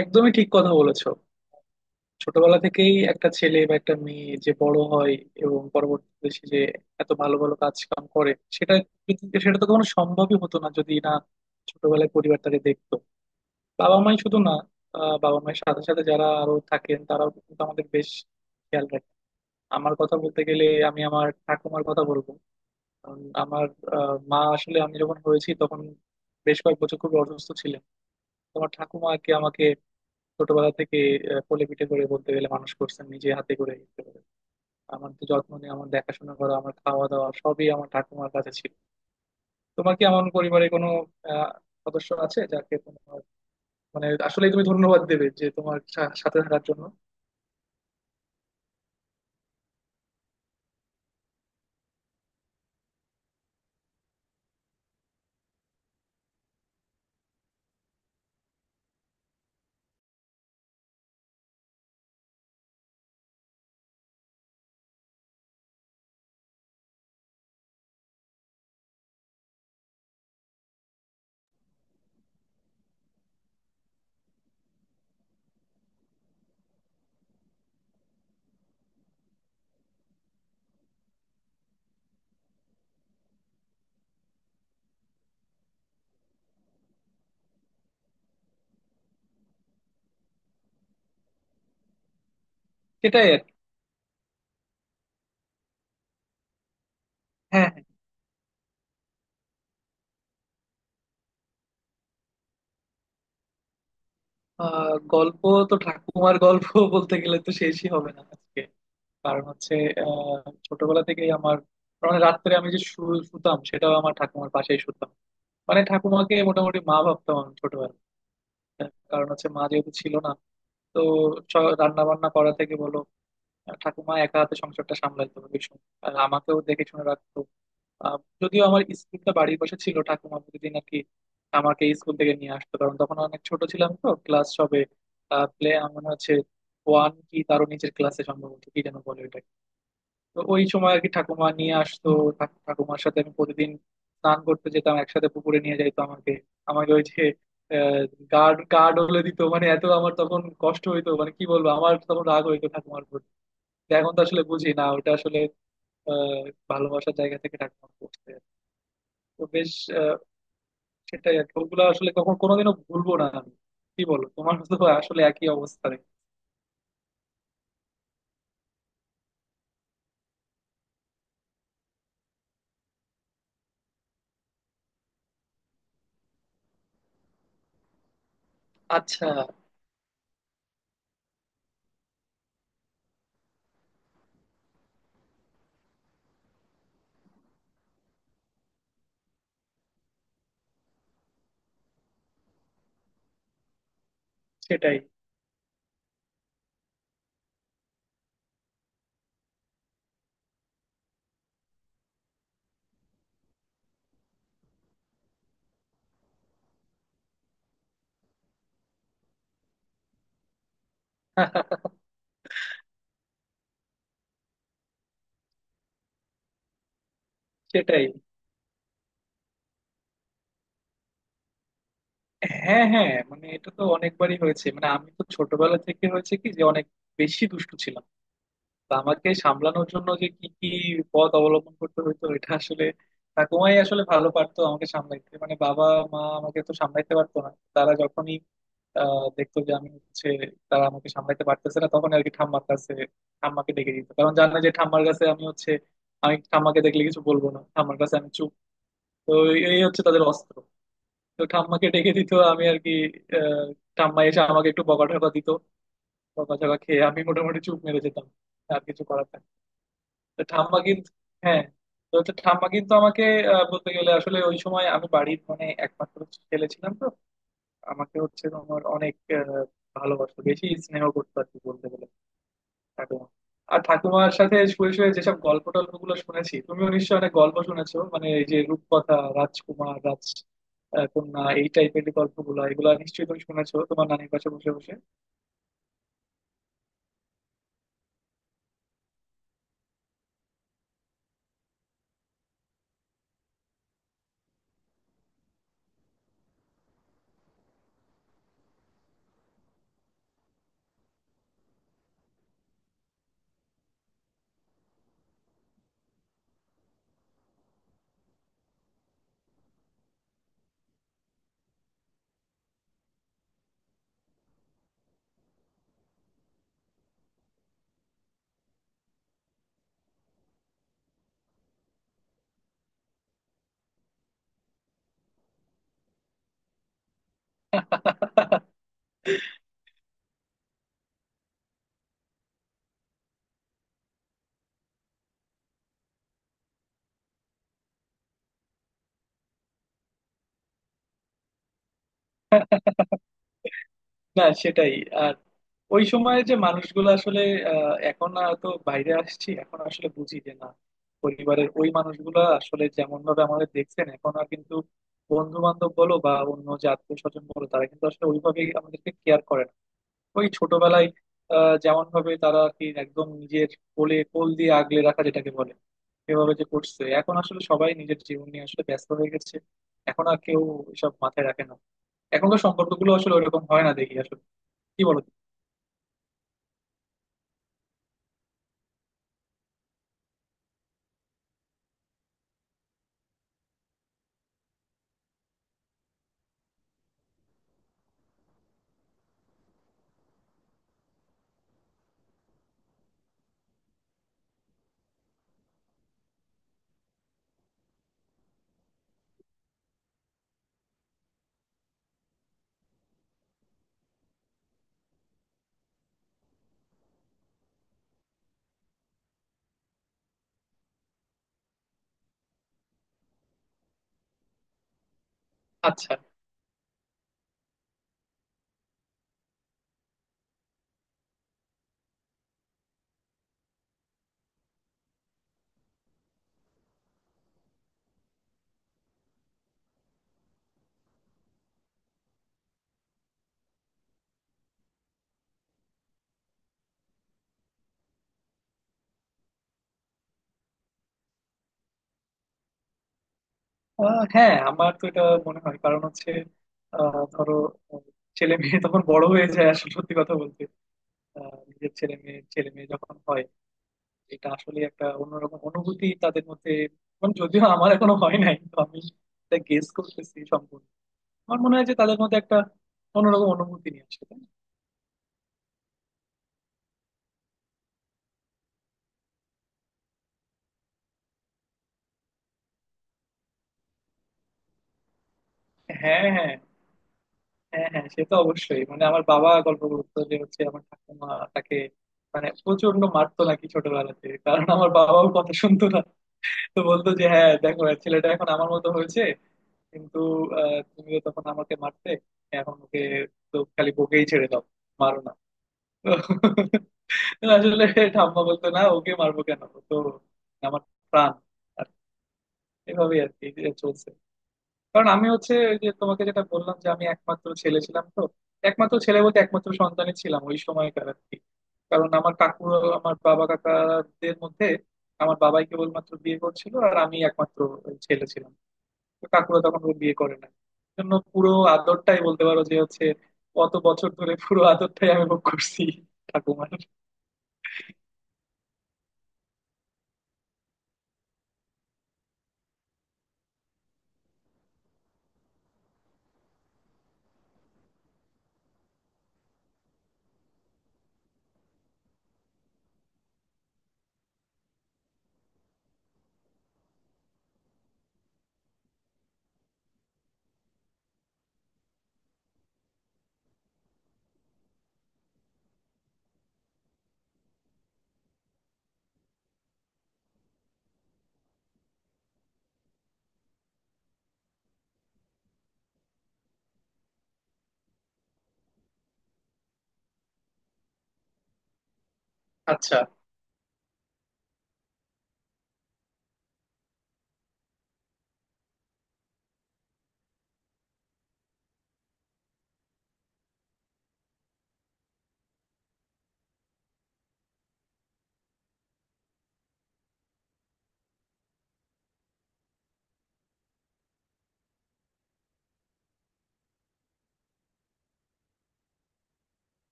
একদমই ঠিক কথা বলেছো। ছোটবেলা থেকেই একটা ছেলে বা একটা মেয়ে যে বড় হয় এবং পরবর্তীতে সে যে এত ভালো ভালো কাজ কাম করে, সেটা তো কখনো সম্ভবই হতো না যদি না ছোটবেলায় পরিবার তাকে দেখতো। বাবা মাই শুধু না, বাবা মায়ের সাথে সাথে যারা আরো থাকেন তারাও কিন্তু আমাদের বেশ খেয়াল রাখে। আমার কথা বলতে গেলে আমি আমার ঠাকুমার কথা বলবো, কারণ আমার মা আসলে আমি যখন হয়েছি তখন বেশ কয়েক বছর খুব অসুস্থ ছিলেন। তোমার ঠাকুমাকে আমাকে ছোটবেলা থেকে কোলে পিঠে করে বলতে গেলে মানুষ করছেন নিজে হাতে করে একেবারে। আমার তো যত্ন নিয়ে আমার দেখাশোনা করা, আমার খাওয়া দাওয়া, সবই আমার ঠাকুমার কাছে ছিল। তোমার কি এমন পরিবারে কোনো আহ সদস্য আছে যাকে তোমার মানে আসলে তুমি ধন্যবাদ দেবে যে তোমার সাথে থাকার জন্য? সেটাই আর কি। হ্যাঁ, হ্যাঁ। গল্প। তো ঠাকুমার গল্প বলতে গেলে তো শেষই হবে না আজকে, কারণ হচ্ছে ছোটবেলা থেকেই আমার মানে রাত্রে আমি যে শুতাম সেটাও আমার ঠাকুমার পাশেই শুতাম। মানে ঠাকুমাকে মোটামুটি মা ভাবতাম আমি, কারণ হচ্ছে মা যেহেতু ছিল না। তো রান্না বান্না করা থেকে বলো, ঠাকুমা একা হাতে সংসারটা সামলাইতো ভীষণ, আর আমাকেও দেখে শুনে রাখতো। যদিও আমার স্কুলটা বাড়ির পাশে ছিল, ঠাকুমা প্রতিদিন আর কি আমাকে স্কুল থেকে নিয়ে আসতো, কারণ তখন অনেক ছোট ছিলাম, তো ক্লাস সবে প্লে মনে হচ্ছে ওয়ান কি তারও নিচের ক্লাসে সম্ভবত, কি যেন বলে ওটা। তো ওই সময় আর কি ঠাকুমা নিয়ে আসতো। ঠাকুমার সাথে আমি প্রতিদিন স্নান করতে যেতাম একসাথে, পুকুরে নিয়ে যাইতো আমাকে। আমাকে ওই যে গার্ড গার্ড হলে দিত, মানে এত আমার তখন কষ্ট হইতো, মানে কি বলবো, আমার তখন রাগ হইতো ঠাকুমার উপর। তো এখন তো আসলে বুঝি না, ওটা আসলে আহ ভালোবাসার জায়গা থেকে ঠাকুমা করতে। তো বেশ, আহ, সেটাই আর কি। ওগুলো আসলে কখন কোনোদিনও ভুলবো না আমি। কি বলো, তোমার তো আসলে একই অবস্থা রে। আচ্ছা। সেটাই সেটাই। হ্যাঁ, হ্যাঁ। মানে এটা তো অনেকবারই হয়েছে, মানে আমি তো ছোটবেলা থেকে হয়েছে কি যে অনেক বেশি দুষ্টু ছিলাম। তো আমাকে সামলানোর জন্য যে কি কি পথ অবলম্বন করতে হতো, এটা আসলে ঠাকুমাই আসলে ভালো পারতো আমাকে সামলাইতে, মানে বাবা মা আমাকে তো সামলাইতে পারতো না, তারা যখনই দেখতো যে আমি হচ্ছে তারা আমাকে সামলাইতে পারতেছে না, তখন আর কি ঠাম্মার কাছে ঠাম্মাকে ডেকে দিত, কারণ জানে যে ঠাম্মার কাছে আমি হচ্ছে আমি ঠাম্মাকে দেখলে কিছু বলবো না, ঠাম্মার কাছে আমি চুপ। তো এই হচ্ছে তাদের অস্ত্র। তো ঠাম্মাকে ডেকে দিত আমি আর কি, আহ, ঠাম্মা এসে আমাকে একটু বকাঝকা দিত, বকাঝকা খেয়ে আমি মোটামুটি চুপ মেরে যেতাম, আর কিছু করার থাকে। তো ঠাম্মা কিন্তু, হ্যাঁ, তো হচ্ছে ঠাম্মা কিন্তু আমাকে, বলতে গেলে আসলে ওই সময় আমি বাড়ির মানে একমাত্র ছেলে ছিলাম, তো আমাকে হচ্ছে আমার অনেক ভালোবাসতো, বেশি স্নেহ করতো আর কি বলতে গেলে ঠাকুমা। আর ঠাকুমার সাথে শুয়ে শুয়ে যেসব গল্প টল্প গুলো শুনেছি, তুমিও নিশ্চয়ই অনেক গল্প শুনেছো, মানে এই যে রূপকথা, রাজকুমার, রাজ কন্যা, এই টাইপের গল্পগুলো এগুলো নিশ্চয়ই তুমি শুনেছো তোমার নানির পাশে বসে বসে। না, সেটাই। আর ওই সময়ের যে মানুষগুলো আসলে, এখন না তো বাইরে আসছি, এখন আসলে বুঝি যে না, পরিবারের ওই মানুষগুলো আসলে যেমন ভাবে আমাদের দেখছেন এখন, আর কিন্তু বন্ধু বান্ধব বলো বা অন্য যে আত্মীয় স্বজন বলো, তারা কিন্তু আসলে ওইভাবেই আমাদেরকে কেয়ার করে না। ওই ছোটবেলায় যেমন ভাবে তারা আর কি একদম নিজের কোলে কোল দিয়ে আগলে রাখা যেটাকে বলে সেভাবে যে করছে, এখন আসলে সবাই নিজের জীবন নিয়ে আসলে ব্যস্ত হয়ে গেছে, এখন আর কেউ এসব মাথায় রাখে না। এখনকার সম্পর্কগুলো আসলে ওরকম হয় না দেখি আসলে, কি বলো? আচ্ছা। হ্যাঁ, আমার তো এটা মনে হয়, কারণ হচ্ছে ধরো, আহ, ছেলে মেয়ে তখন বড় হয়ে যায় আসলে সত্যি কথা বলতে, নিজের ছেলে মেয়ে যখন হয়, এটা আসলে একটা অন্যরকম অনুভূতি তাদের মধ্যে, মানে যদিও আমার এখনো হয় নাই, তো আমি এটা গেস করতেছি সম্পূর্ণ। আমার মনে হয় যে তাদের মধ্যে একটা অন্যরকম অনুভূতি নিয়ে আসে, তাই না? হ্যাঁ, হ্যাঁ। হ্যাঁ, হ্যাঁ, সে তো অবশ্যই, মানে আমার বাবা গল্প বলতো যে হচ্ছে আমার ঠাকুমা তাকে মানে প্রচন্ড মারতো নাকি ছোটবেলাতে, কারণ আমার বাবাও কথা শুনতো না। তো বলতো যে হ্যাঁ দেখো হ্যাঁ, ছেলেটা এখন আমার মতো হয়েছে, কিন্তু তুমিও তখন আমাকে মারতে, এখন ওকে তো খালি বকেই ছেড়ে দাও, মারো না। আসলে ঠাম্মা বলতো না, ওকে মারবো কেন, ও তো আমার প্রাণ। আর এভাবেই আর কি যে চলছে, কারণ আমি হচ্ছে ওই যে তোমাকে যেটা বললাম যে আমি একমাত্র ছেলে ছিলাম, তো একমাত্র ছেলে বলতে একমাত্র সন্তানই ছিলাম ওই সময়কার আর কি। কারণ আমার কাকু, আমার বাবা কাকাদের মধ্যে আমার বাবাই কেবলমাত্র বিয়ে করছিল আর আমি একমাত্র ছেলে ছিলাম, তো কাকুরা তখন ওর বিয়ে করে না জন্য পুরো আদরটাই বলতে পারো যে হচ্ছে অত বছর ধরে পুরো আদরটাই আমি ভোগ করছি ঠাকুমার। আচ্ছা,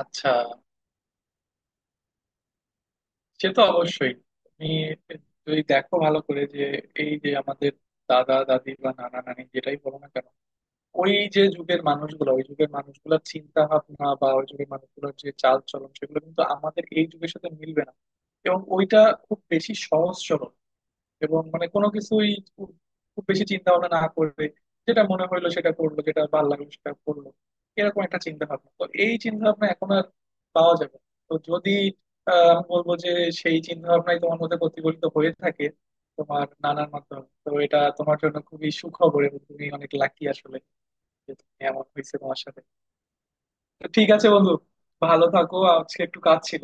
আচ্ছা, সে তো অবশ্যই। তুমি যদি দেখো ভালো করে যে এই যে আমাদের দাদা দাদি বা নানা নানি যেটাই বলো না কেন, ওই যে যুগের মানুষগুলো, ওই যুগের মানুষগুলোর চিন্তা ভাবনা বা ওই যুগের মানুষগুলোর যে চাল চলন, সেগুলো কিন্তু আমাদের এই যুগের সাথে মিলবে না। এবং ওইটা খুব বেশি সহজ সরল, এবং মানে কোনো কিছুই খুব খুব বেশি চিন্তা ভাবনা না করবে, যেটা মনে হইলো সেটা করলো, যেটা ভালো লাগলো সেটা করলো, এরকম একটা চিন্তা ভাবনা, তো এই চিন্তা ভাবনা এখন আর পাওয়া যাবে না। তো যদি আমি বলবো যে সেই চিন্তা ভাবনাই তোমার মধ্যে প্রতিফলিত হয়ে থাকে তোমার নানার মাধ্যমে, তো এটা তোমার জন্য খুবই সুখবর এবং তুমি অনেক লাকি আসলে, যে তুমি এমন হয়েছে তোমার সাথে। তো ঠিক আছে বন্ধু, ভালো থাকো, আজকে একটু কাজ ছিল।